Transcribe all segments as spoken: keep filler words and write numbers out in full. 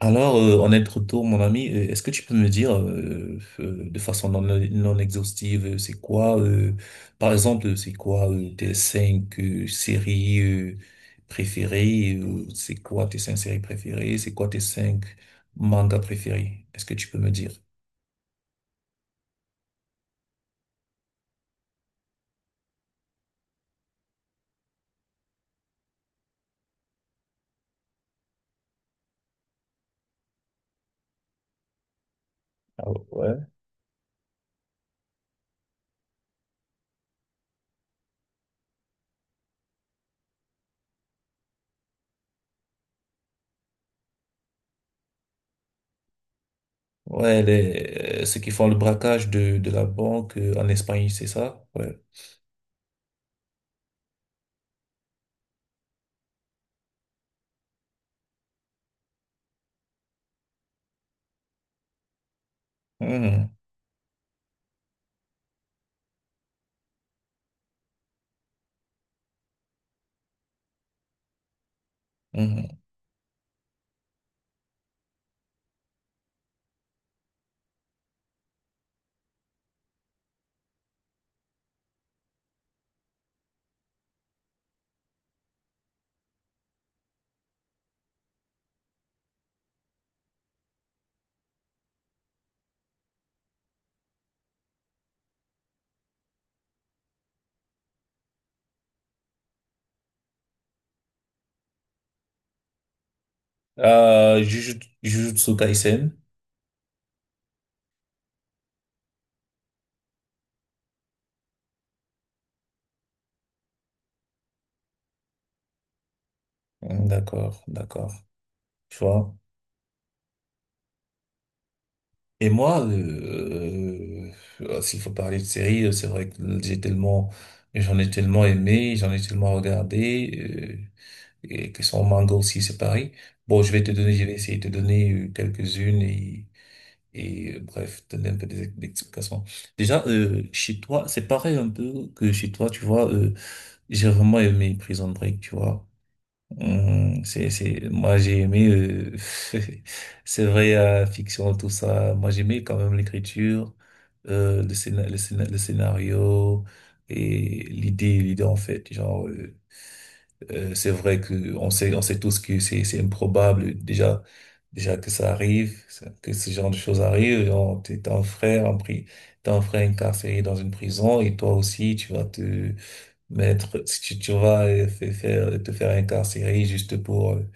Alors, euh, en être retour, mon ami, euh, est-ce que tu peux me dire euh, euh, de façon non, non exhaustive, euh, c'est quoi, euh, par exemple, euh, c'est quoi euh, tes cinq euh, séries euh, préférées, euh, c'est quoi tes cinq séries préférées, c'est quoi tes cinq mangas préférés? Est-ce que tu peux me dire? Ah, ouais. Ouais, les, euh, ceux qui font le braquage de, de la banque euh, en Espagne, c'est ça? Ouais. Mhm, mhm. Euh, Jujutsu Jujutsu Kaisen. Mhm, d'accord, d'accord. Tu vois? Et moi, euh, euh, s'il faut parler de séries, euh, c'est vrai que j'ai tellement, j'en ai tellement aimé, j'en ai tellement regardé, euh, et que son manga aussi, c'est pareil. Bon, je vais te donner, je vais essayer de te donner euh, quelques-unes, et, et euh, bref, te donner un peu des, des explications. Déjà, euh, chez toi, c'est pareil un peu que chez toi, tu vois, euh, j'ai vraiment aimé Prison Break, tu vois. Hum, c'est, c'est, moi, j'ai aimé, euh, c'est vrai, la fiction, tout ça. Moi, j'aimais quand même l'écriture, euh, le scéna- le scéna- le scénario et l'idée, l'idée, en fait. Genre, euh, euh, c'est vrai que on sait, on sait tous que c'est, c'est improbable. Déjà, déjà que ça arrive, ça- que ce genre de choses arrive. Genre, t'es t'as un frère, en pri- t'as un frère incarcéré dans une prison et toi aussi, tu vas te, Maître, si tu, tu vas euh, fai- faire, te faire incarcérer juste pour euh,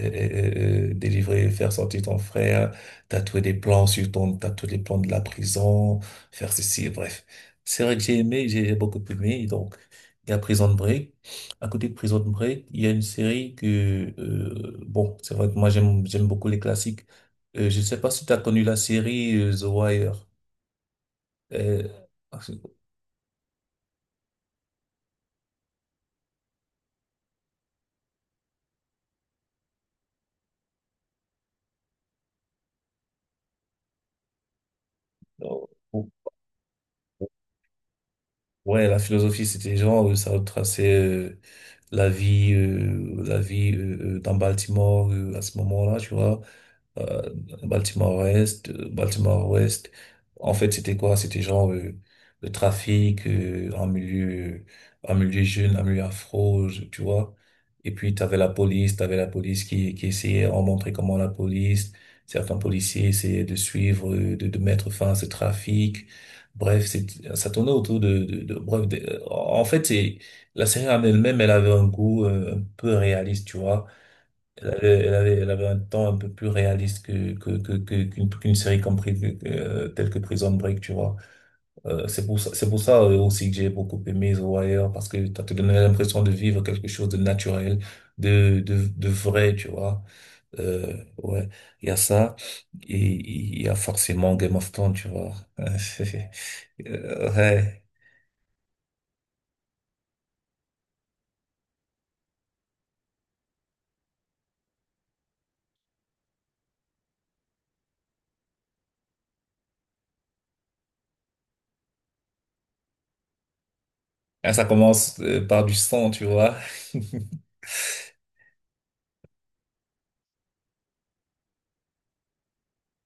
euh, euh, euh, délivrer, faire sortir ton frère, tatouer des plans sur ton, tatouer les plans de la prison, faire ceci, bref. C'est vrai que j'ai aimé, j'ai beaucoup aimé, donc il y a Prison Break. À côté de Prison Break, il y a une série que, euh, bon, c'est vrai que moi j'aime, j'aime beaucoup les classiques. Euh, je ne sais pas si tu as connu la série euh, The Wire. Euh, Ouais, la philosophie, c'était genre, euh, ça retraçait euh, la vie, euh, la vie euh, euh, dans Baltimore euh, à ce moment-là, tu vois, euh, Baltimore-Ouest, euh, Baltimore-Ouest. En fait, c'était quoi? C'était genre euh, le trafic euh, en milieu, en milieu jeune, en milieu afro, je- tu vois. Et puis, t'avais la police, t'avais la police qui, qui essayait, on montrait comment la police, certains policiers essayaient de suivre, euh, de, de mettre fin à ce trafic. Bref, c'est, ça tournait autour de, de, de- bref, de- en fait, c'est, la série en elle-même, elle avait un goût euh, un peu réaliste, tu vois. Elle avait, elle avait, elle avait un temps un peu plus réaliste que, que, que, que- qu'une, qu'une série comme, Pri- euh, telle que Prison Break, tu vois. Euh, c'est pour ça, c'est pour ça euh, aussi que j'ai beaucoup aimé The Wire, parce que ça te donnait l'impression de vivre quelque chose de naturel, de, de, de vrai, tu vois. Euh, ouais, il y a ça, et il y a forcément Game of Thrones, tu vois. Euh, ouais. Ah, ça commence euh, par du sang, tu vois.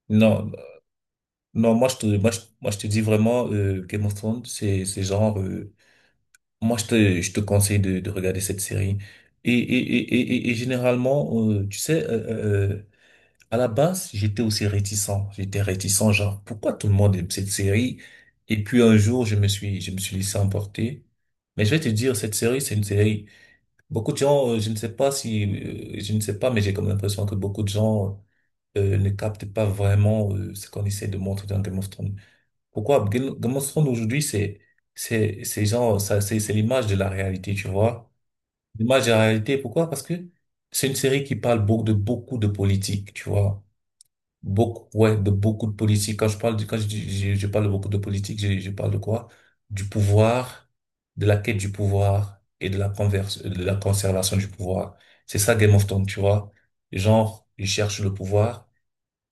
Non, non, moi je te, moi, je, moi, je te dis vraiment, euh, Game of Thrones, c'est, c'est genre, euh, moi je te, je te conseille de, de regarder cette série. Et, et, et, et, et- et généralement, euh, tu sais, euh, euh, à la base, j'étais aussi réticent. J'étais réticent, genre, pourquoi tout le monde aime cette série? Et puis un jour, je me suis, je me suis laissé emporter. Mais je vais te dire, cette série, c'est une série. Beaucoup de gens, euh, je ne sais pas si, euh, je ne sais pas, mais j'ai comme l'impression que beaucoup de gens, euh, ne captent pas vraiment, euh, ce qu'on essaie de montrer dans Game of Thrones. Pourquoi? Game Game of Thrones aujourd'hui, c'est, c'est, c'est genre, ça, c'est, c'est l'image de la réalité, tu vois. L'image de la réalité, pourquoi? Parce que c'est une série qui parle beaucoup de beaucoup de politique, tu vois. Beaucoup, ouais, de beaucoup de politique. Quand je parle de, quand je, dis- je, je parle de beaucoup de politique, je, je parle de quoi? Du pouvoir, de la quête du pouvoir et de la converse, de la conservation du pouvoir. C'est ça Game of Thrones, tu vois. Genre, ils cherchent le pouvoir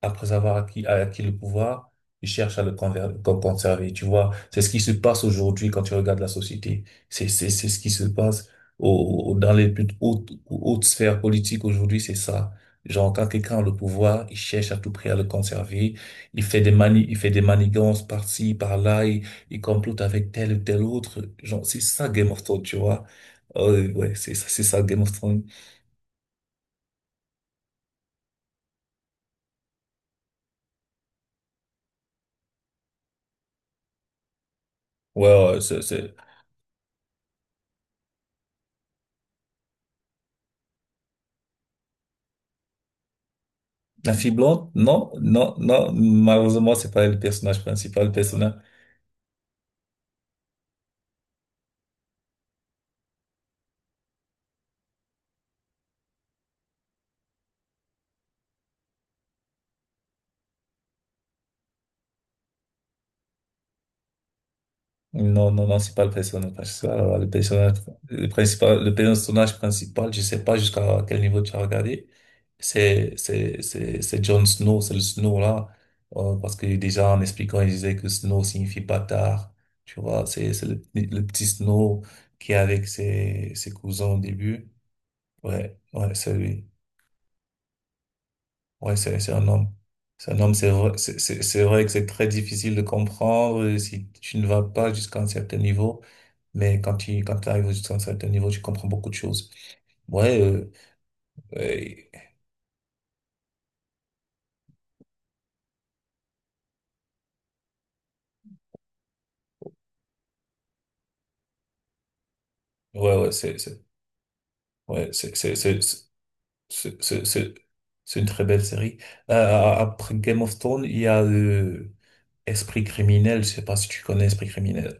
après avoir acquis, acquis le pouvoir, ils cherchent à le conver- con- conserver. Tu vois, c'est ce qui se passe aujourd'hui quand tu regardes la société. C'est, c'est, c'est ce qui se passe au, au- dans les plus hautes, hautes sphères politiques aujourd'hui, c'est ça. Genre, quand quelqu'un a le pouvoir, il cherche à tout prix à le conserver. Il fait des mani, il fait des manigances par-ci, par-là. Il, il complote avec tel ou tel autre. Genre, c'est ça Game of Thrones, tu vois. Euh, ouais, c'est ça, c'est ça Game of Thrones. Ouais, ouais, c'est, c'est- La fille blonde? Non, non, non, malheureusement, c'est pas le personnage principal. Le personnage, non, non, non, c'est pas le personnage principal. Alors, le personnage, le principal, le personnage principal, je sais pas jusqu'à quel niveau tu as regardé. C'est, c'est, c'est, c'est Jon Snow, c'est le Snow là. Euh, parce que déjà, en expliquant, il disait que Snow signifie bâtard. Tu vois, c'est, c'est le, le petit Snow qui est avec ses, ses cousins au début. Ouais, ouais, c'est lui. Ouais, c'est, c'est un homme. C'est un homme, c'est vrai, c'est c'est- c'est vrai que c'est très difficile de comprendre euh, si tu ne vas pas jusqu'à un certain niveau. Mais quand tu, quand tu arrives jusqu'à un certain niveau, tu comprends beaucoup de choses. Ouais, euh, euh, ouais, ouais, c'est, c'est, ouais, c'est, c'est, c'est, c'est, c'est, c'est- c'est- c'est une très belle série. Euh, après Game of Thrones, il y a euh, Esprit criminel. Je sais pas si tu connais Esprit criminel.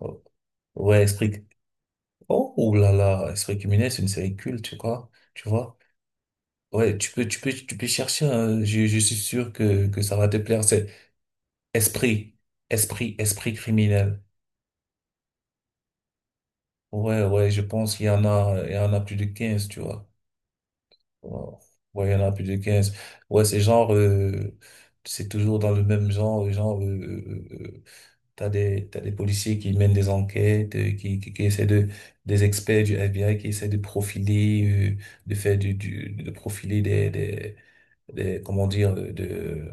Oh, ouais, Esprit. Oh, ouh là là, Esprit criminel, c'est une série culte, tu vois. Tu vois. Ouais, tu peux, tu peux, tu peux chercher, hein. Je, je suis sûr que, que ça va te plaire. C'est esprit, esprit, esprit criminel. Ouais, ouais, je pense qu'il y en a, il y en a plus de quinze, tu vois. Wow. Ouais, il y en a plus de quinze. Ouais, c'est genre, euh, c'est toujours dans le même genre, genre, euh, euh, euh, t'as des, t'as des policiers qui mènent des enquêtes, euh, qui, qui, qui essaient de, des experts du F B I qui essaient de profiler, euh, de faire du, du, de profiler des, des, des, comment dire, euh, de,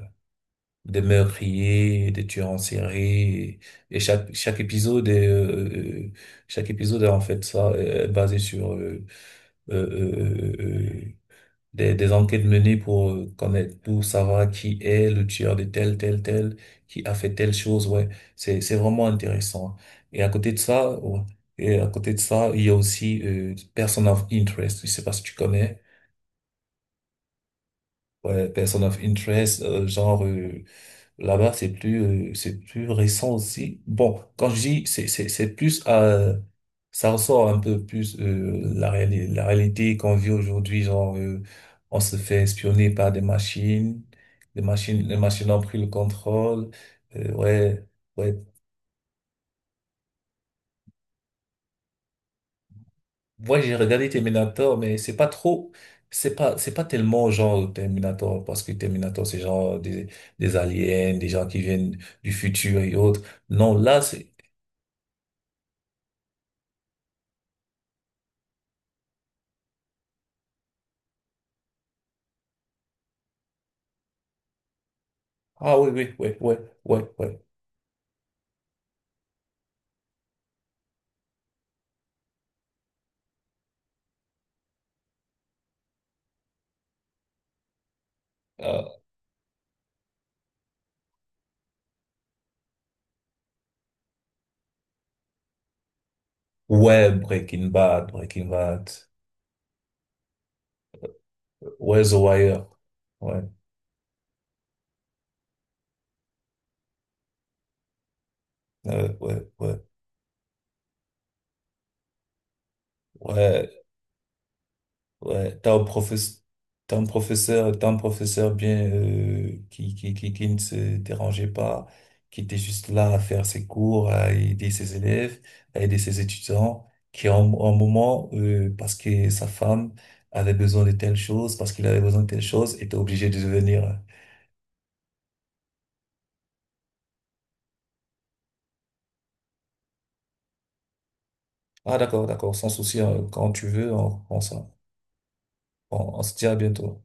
des meurtriers, des tueurs en série, et, et chaque chaque épisode est euh, euh, chaque épisode est en fait, ça euh, est basé sur euh, euh, euh, euh, des des enquêtes menées pour euh, connaître, pour savoir qui est le tueur de tel tel tel, qui a fait telle chose. Ouais, c'est c'est vraiment intéressant. Et à côté de ça, ouais, et à côté de ça, il y a aussi euh, Person of Interest. Je sais pas si tu connais. Ouais, Person of Interest, euh, genre, euh, là-bas, c'est plus, euh, c'est plus récent aussi. Bon, quand je dis, c'est, c'est, c'est plus, euh, ça ressort un peu plus euh, la, réali- la réalité qu'on vit aujourd'hui. Genre, euh, on se fait espionner par des machines, les machines, les machines ont pris le contrôle. Euh, ouais, ouais. Moi, j'ai regardé Terminator, mais c'est pas trop, c'est pas, c'est pas tellement genre Terminator, parce que Terminator, c'est genre des, des aliens, des gens qui viennent du futur et autres. Non, là, c'est ah, oui, oui, oui, oui, oui, oui. Euh, ouais, Breaking Bad, Breaking Bad. Ouais, The Wire. Ouais, euh, ouais, ouais, ouais, ouais. T'as un professeur, t'as un professeur, t'as un professeur bien, euh, qui, qui, qui, qui ne se dérangeait pas, qui était juste là à faire ses cours, à aider ses élèves, à aider ses étudiants, qui en un, moment, euh, parce que sa femme avait besoin de telle chose, parce qu'il avait besoin de telle chose, était obligé de venir. Ah, d'accord, d'accord, sans souci, hein, quand tu veux, on, on, s'en- on on se dit à bientôt.